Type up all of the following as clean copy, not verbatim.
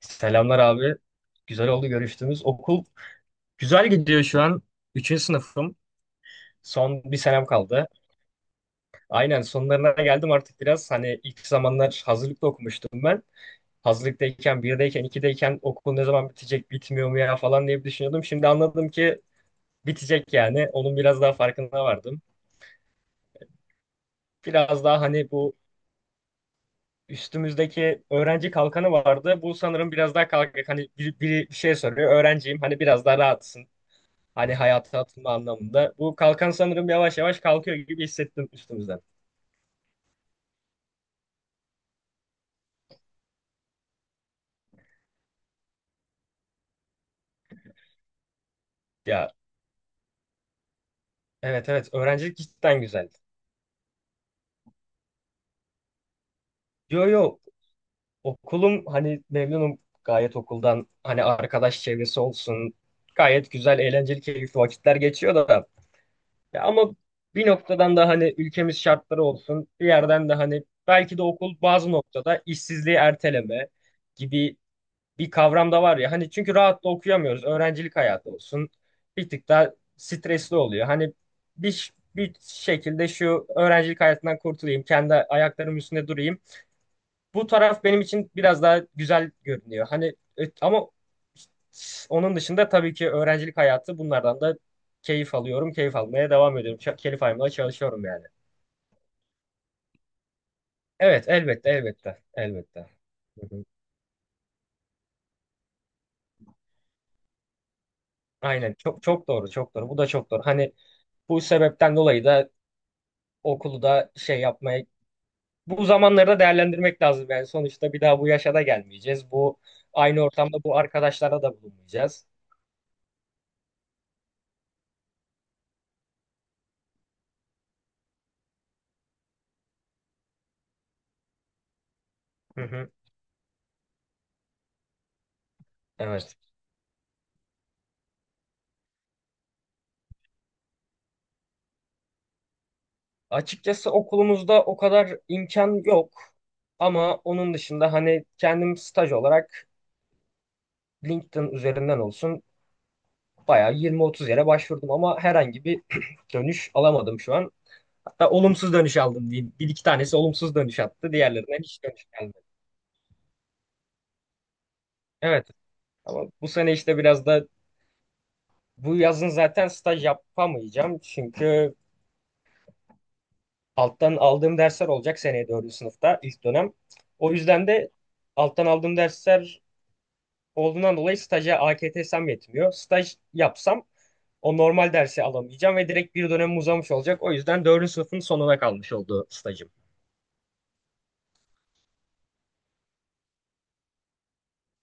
Selamlar abi. Güzel oldu görüştüğümüz. Okul güzel gidiyor şu an. Üçüncü sınıfım. Son bir senem kaldı. Aynen, sonlarına geldim artık biraz. Hani ilk zamanlar hazırlıkta okumuştum ben. Hazırlıktayken, birdeyken, ikideyken okul ne zaman bitecek, bitmiyor mu ya falan diye bir düşünüyordum. Şimdi anladım ki bitecek yani. Onun biraz daha farkına vardım. Biraz daha hani bu üstümüzdeki öğrenci kalkanı vardı. Bu sanırım biraz daha kalkık. Hani biri bir şey soruyor. Öğrenciyim. Hani biraz daha rahatsın. Hani hayata atılma anlamında. Bu kalkan sanırım yavaş yavaş kalkıyor gibi hissettim üstümüzden. Ya, evet, evet, öğrencilik cidden güzeldi. Yo, yo, okulum hani memnunum gayet okuldan, hani arkadaş çevresi olsun. Gayet güzel, eğlenceli, keyifli vakitler geçiyor da. Ya ama bir noktadan da hani ülkemiz şartları olsun, bir yerden de hani belki de okul bazı noktada işsizliği erteleme gibi bir kavram da var ya hani, çünkü rahat da okuyamıyoruz. Öğrencilik hayatı olsun, bir tık daha stresli oluyor. Hani bir şekilde şu öğrencilik hayatından kurtulayım, kendi ayaklarımın üstünde durayım. Bu taraf benim için biraz daha güzel görünüyor. Hani ama onun dışında tabii ki öğrencilik hayatı, bunlardan da keyif alıyorum, keyif almaya devam ediyorum. Keyif almaya çalışıyorum yani. Evet, elbette, elbette, elbette. Hı hı. Aynen, çok çok doğru, çok doğru, bu da çok doğru. Hani bu sebepten dolayı da okulu da şey yapmaya, bu zamanları da değerlendirmek lazım yani, sonuçta bir daha bu yaşa da gelmeyeceğiz. Bu aynı ortamda bu arkadaşlara da bulunmayacağız. Hı hı. Evet. Açıkçası okulumuzda o kadar imkan yok, ama onun dışında hani kendim staj olarak LinkedIn üzerinden olsun bayağı 20-30 yere başvurdum, ama herhangi bir dönüş alamadım şu an. Hatta olumsuz dönüş aldım diyeyim. Bir iki tanesi olumsuz dönüş attı. Diğerlerinden hiç dönüş gelmedi. Evet. Ama bu sene işte biraz da bu yazın zaten staj yapamayacağım. Çünkü alttan aldığım dersler olacak seneye dördüncü sınıfta ilk dönem. O yüzden de alttan aldığım dersler olduğundan dolayı staja AKTS'm yetmiyor. Staj yapsam o normal dersi alamayacağım ve direkt bir dönem uzamış olacak. O yüzden dördüncü sınıfın sonuna kalmış oldu stajım.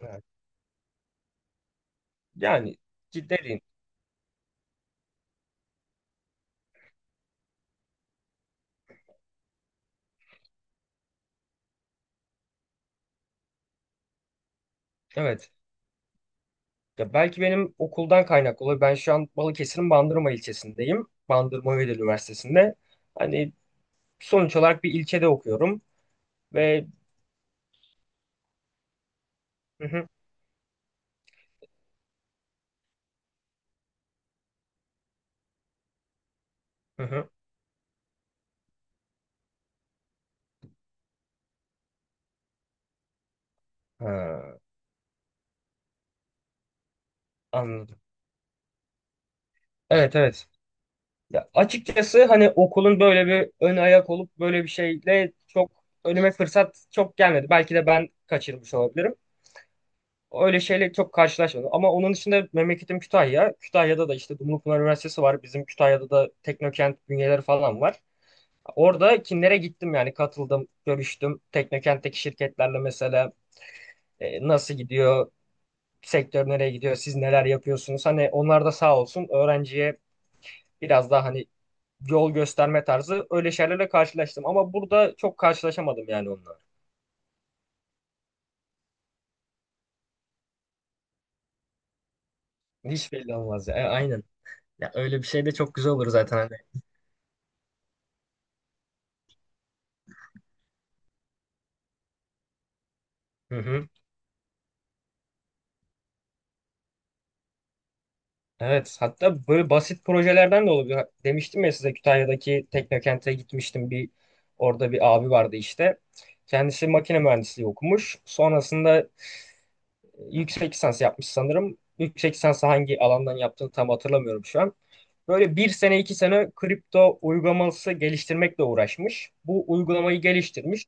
Evet. Yani cidden evet. Ya belki benim okuldan kaynaklı oluyor. Ben şu an Balıkesir'in Bandırma ilçesindeyim. Bandırma Vedat Üniversitesi'nde. Hani sonuç olarak bir ilçede okuyorum. Ve hı hı, hı hı. Ha, anladım. Evet, evet. Ya açıkçası hani okulun böyle bir ön ayak olup böyle bir şeyle çok önüme fırsat çok gelmedi. Belki de ben kaçırmış olabilirim. Öyle şeyle çok karşılaşmadım. Ama onun dışında memleketim Kütahya. Kütahya'da da işte Dumlupınar Üniversitesi var. Bizim Kütahya'da da Teknokent bünyeleri falan var. Orada kimlere gittim, yani katıldım, görüştüm. Teknokent'teki şirketlerle mesela nasıl gidiyor, sektör nereye gidiyor, siz neler yapıyorsunuz. Hani onlar da sağ olsun öğrenciye biraz daha hani yol gösterme tarzı öyle şeylerle karşılaştım. Ama burada çok karşılaşamadım yani onunla. Hiç belli olmaz ya. E, aynen. Ya öyle bir şey de çok güzel olur zaten hani. Hı hı. Evet, hatta böyle basit projelerden de olabilir. Demiştim ya size, Kütahya'daki Teknokent'e gitmiştim. Orada bir abi vardı işte. Kendisi makine mühendisliği okumuş. Sonrasında yüksek lisans yapmış sanırım. Yüksek lisansı hangi alandan yaptığını tam hatırlamıyorum şu an. Böyle bir sene iki sene kripto uygulaması geliştirmekle uğraşmış. Bu uygulamayı geliştirmiş.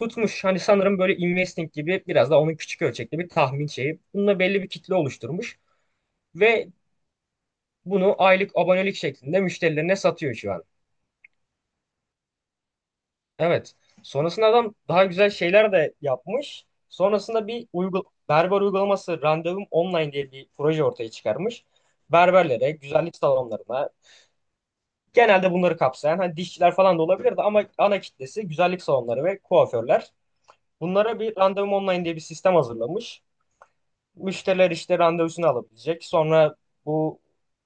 Tutmuş hani, sanırım böyle investing gibi biraz da, onun küçük ölçekli bir tahmin şeyi. Bununla belli bir kitle oluşturmuş ve bunu aylık abonelik şeklinde müşterilerine satıyor şu an. Evet. Sonrasında adam daha güzel şeyler de yapmış. Sonrasında bir berber uygulaması, Randevum Online diye bir proje ortaya çıkarmış. Berberlere, güzellik salonlarına, genelde bunları kapsayan hani dişçiler falan da olabilir de, ama ana kitlesi güzellik salonları ve kuaförler. Bunlara bir randevum online diye bir sistem hazırlamış. Müşteriler işte randevusunu alabilecek. Sonra bu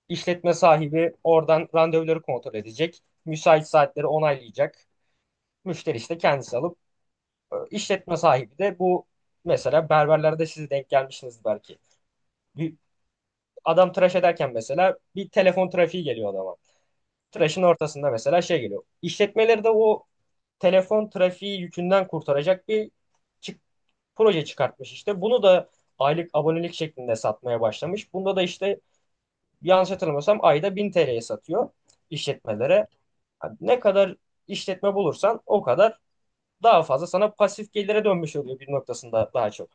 işletme sahibi oradan randevuları kontrol edecek. Müsait saatleri onaylayacak. Müşteri işte kendisi alıp, işletme sahibi de bu, mesela berberlerde siz denk gelmişsiniz belki. Bir adam tıraş ederken mesela bir telefon trafiği geliyor adama. Tıraşın ortasında mesela şey geliyor. İşletmeleri de o telefon trafiği yükünden kurtaracak bir çık- proje çıkartmış işte. Bunu da aylık abonelik şeklinde satmaya başlamış. Bunda da işte, yanlış hatırlamıyorsam, ayda 1000 TL'ye satıyor işletmelere. Yani ne kadar işletme bulursan o kadar daha fazla sana pasif gelire dönmüş oluyor, bir noktasında daha çok.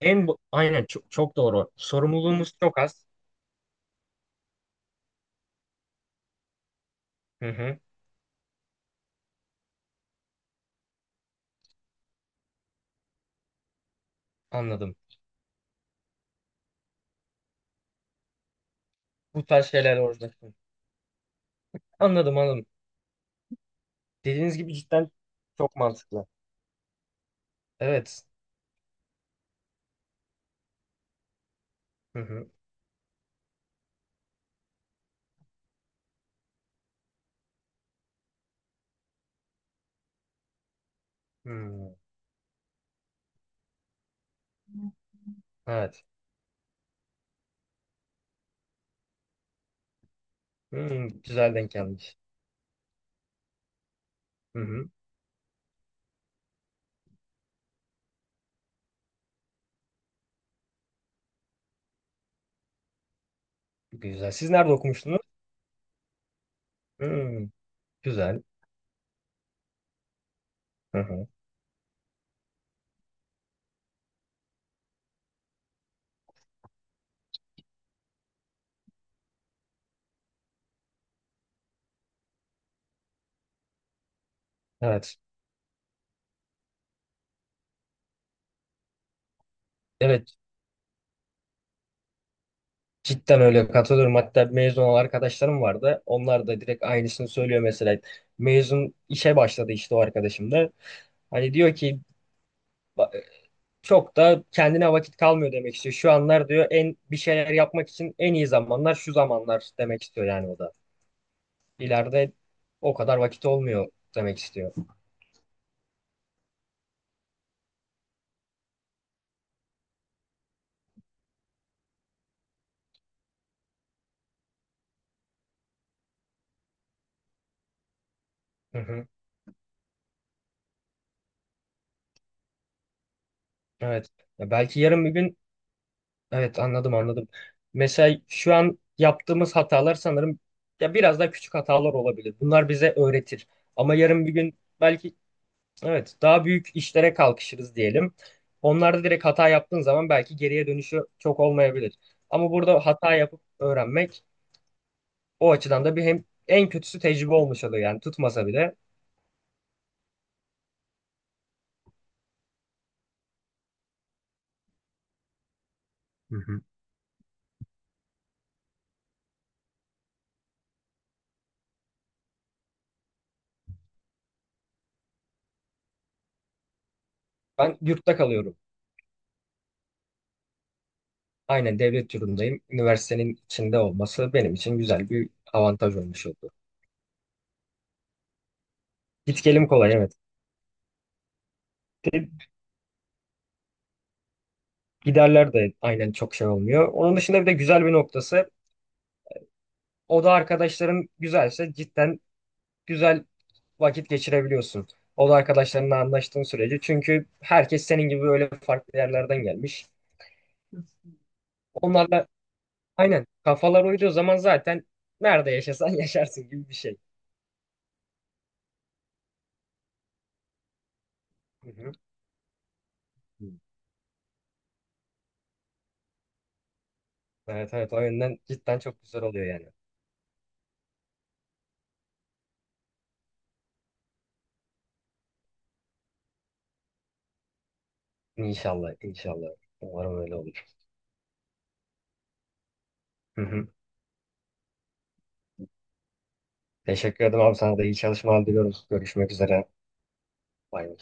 Aynen çok, çok doğru. Sorumluluğumuz çok az. Hı hı, anladım. Bu tarz şeyler orada. Anladım, anladım. Dediğiniz gibi cidden çok mantıklı. Evet. Hı hı. Hmm, evet. Hmm, güzel denk gelmiş. Hı hı. Güzel. Siz nerede okumuştunuz? Hmm, güzel. Hı hı. Evet. Evet. Cidden öyle, katılıyorum. Hatta mezun olan arkadaşlarım vardı. Onlar da direkt aynısını söylüyor mesela. Mezun işe başladı işte o arkadaşım da. Hani diyor ki, "Ba- çok da kendine vakit kalmıyor," demek istiyor. Şu anlar diyor, en bir şeyler yapmak için en iyi zamanlar şu zamanlar demek istiyor yani o da. İleride o kadar vakit olmuyor demek istiyor. Hı hı. Evet. Ya belki yarın bir gün. Evet, anladım, anladım. Mesela şu an yaptığımız hatalar sanırım ya biraz daha küçük hatalar olabilir. Bunlar bize öğretir. Ama yarın bir gün belki, evet, daha büyük işlere kalkışırız diyelim. Onlarda direkt hata yaptığın zaman belki geriye dönüşü çok olmayabilir. Ama burada hata yapıp öğrenmek, o açıdan da bir hem en kötüsü tecrübe olmuş oluyor yani, tutmasa bile. Hı hı. Ben yurtta kalıyorum. Aynen, devlet yurdundayım. Üniversitenin içinde olması benim için güzel bir avantaj olmuş oldu. Git gelim kolay, evet. Giderler de aynen çok şey olmuyor. Onun dışında bir de güzel bir noktası: oda arkadaşların güzelse cidden güzel vakit geçirebiliyorsun. Oda arkadaşlarınla anlaştığın sürece. Çünkü herkes senin gibi böyle farklı yerlerden gelmiş. Onlarla aynen kafalar uyduğu zaman zaten nerede yaşasan yaşarsın gibi bir şey. Hı hı. Evet, evet, o yönden cidden çok güzel oluyor yani. İnşallah, inşallah. Umarım öyle olur. Hı hı. Teşekkür ederim abi, sana da iyi çalışmalar diliyorum. Görüşmek üzere. Bay bay.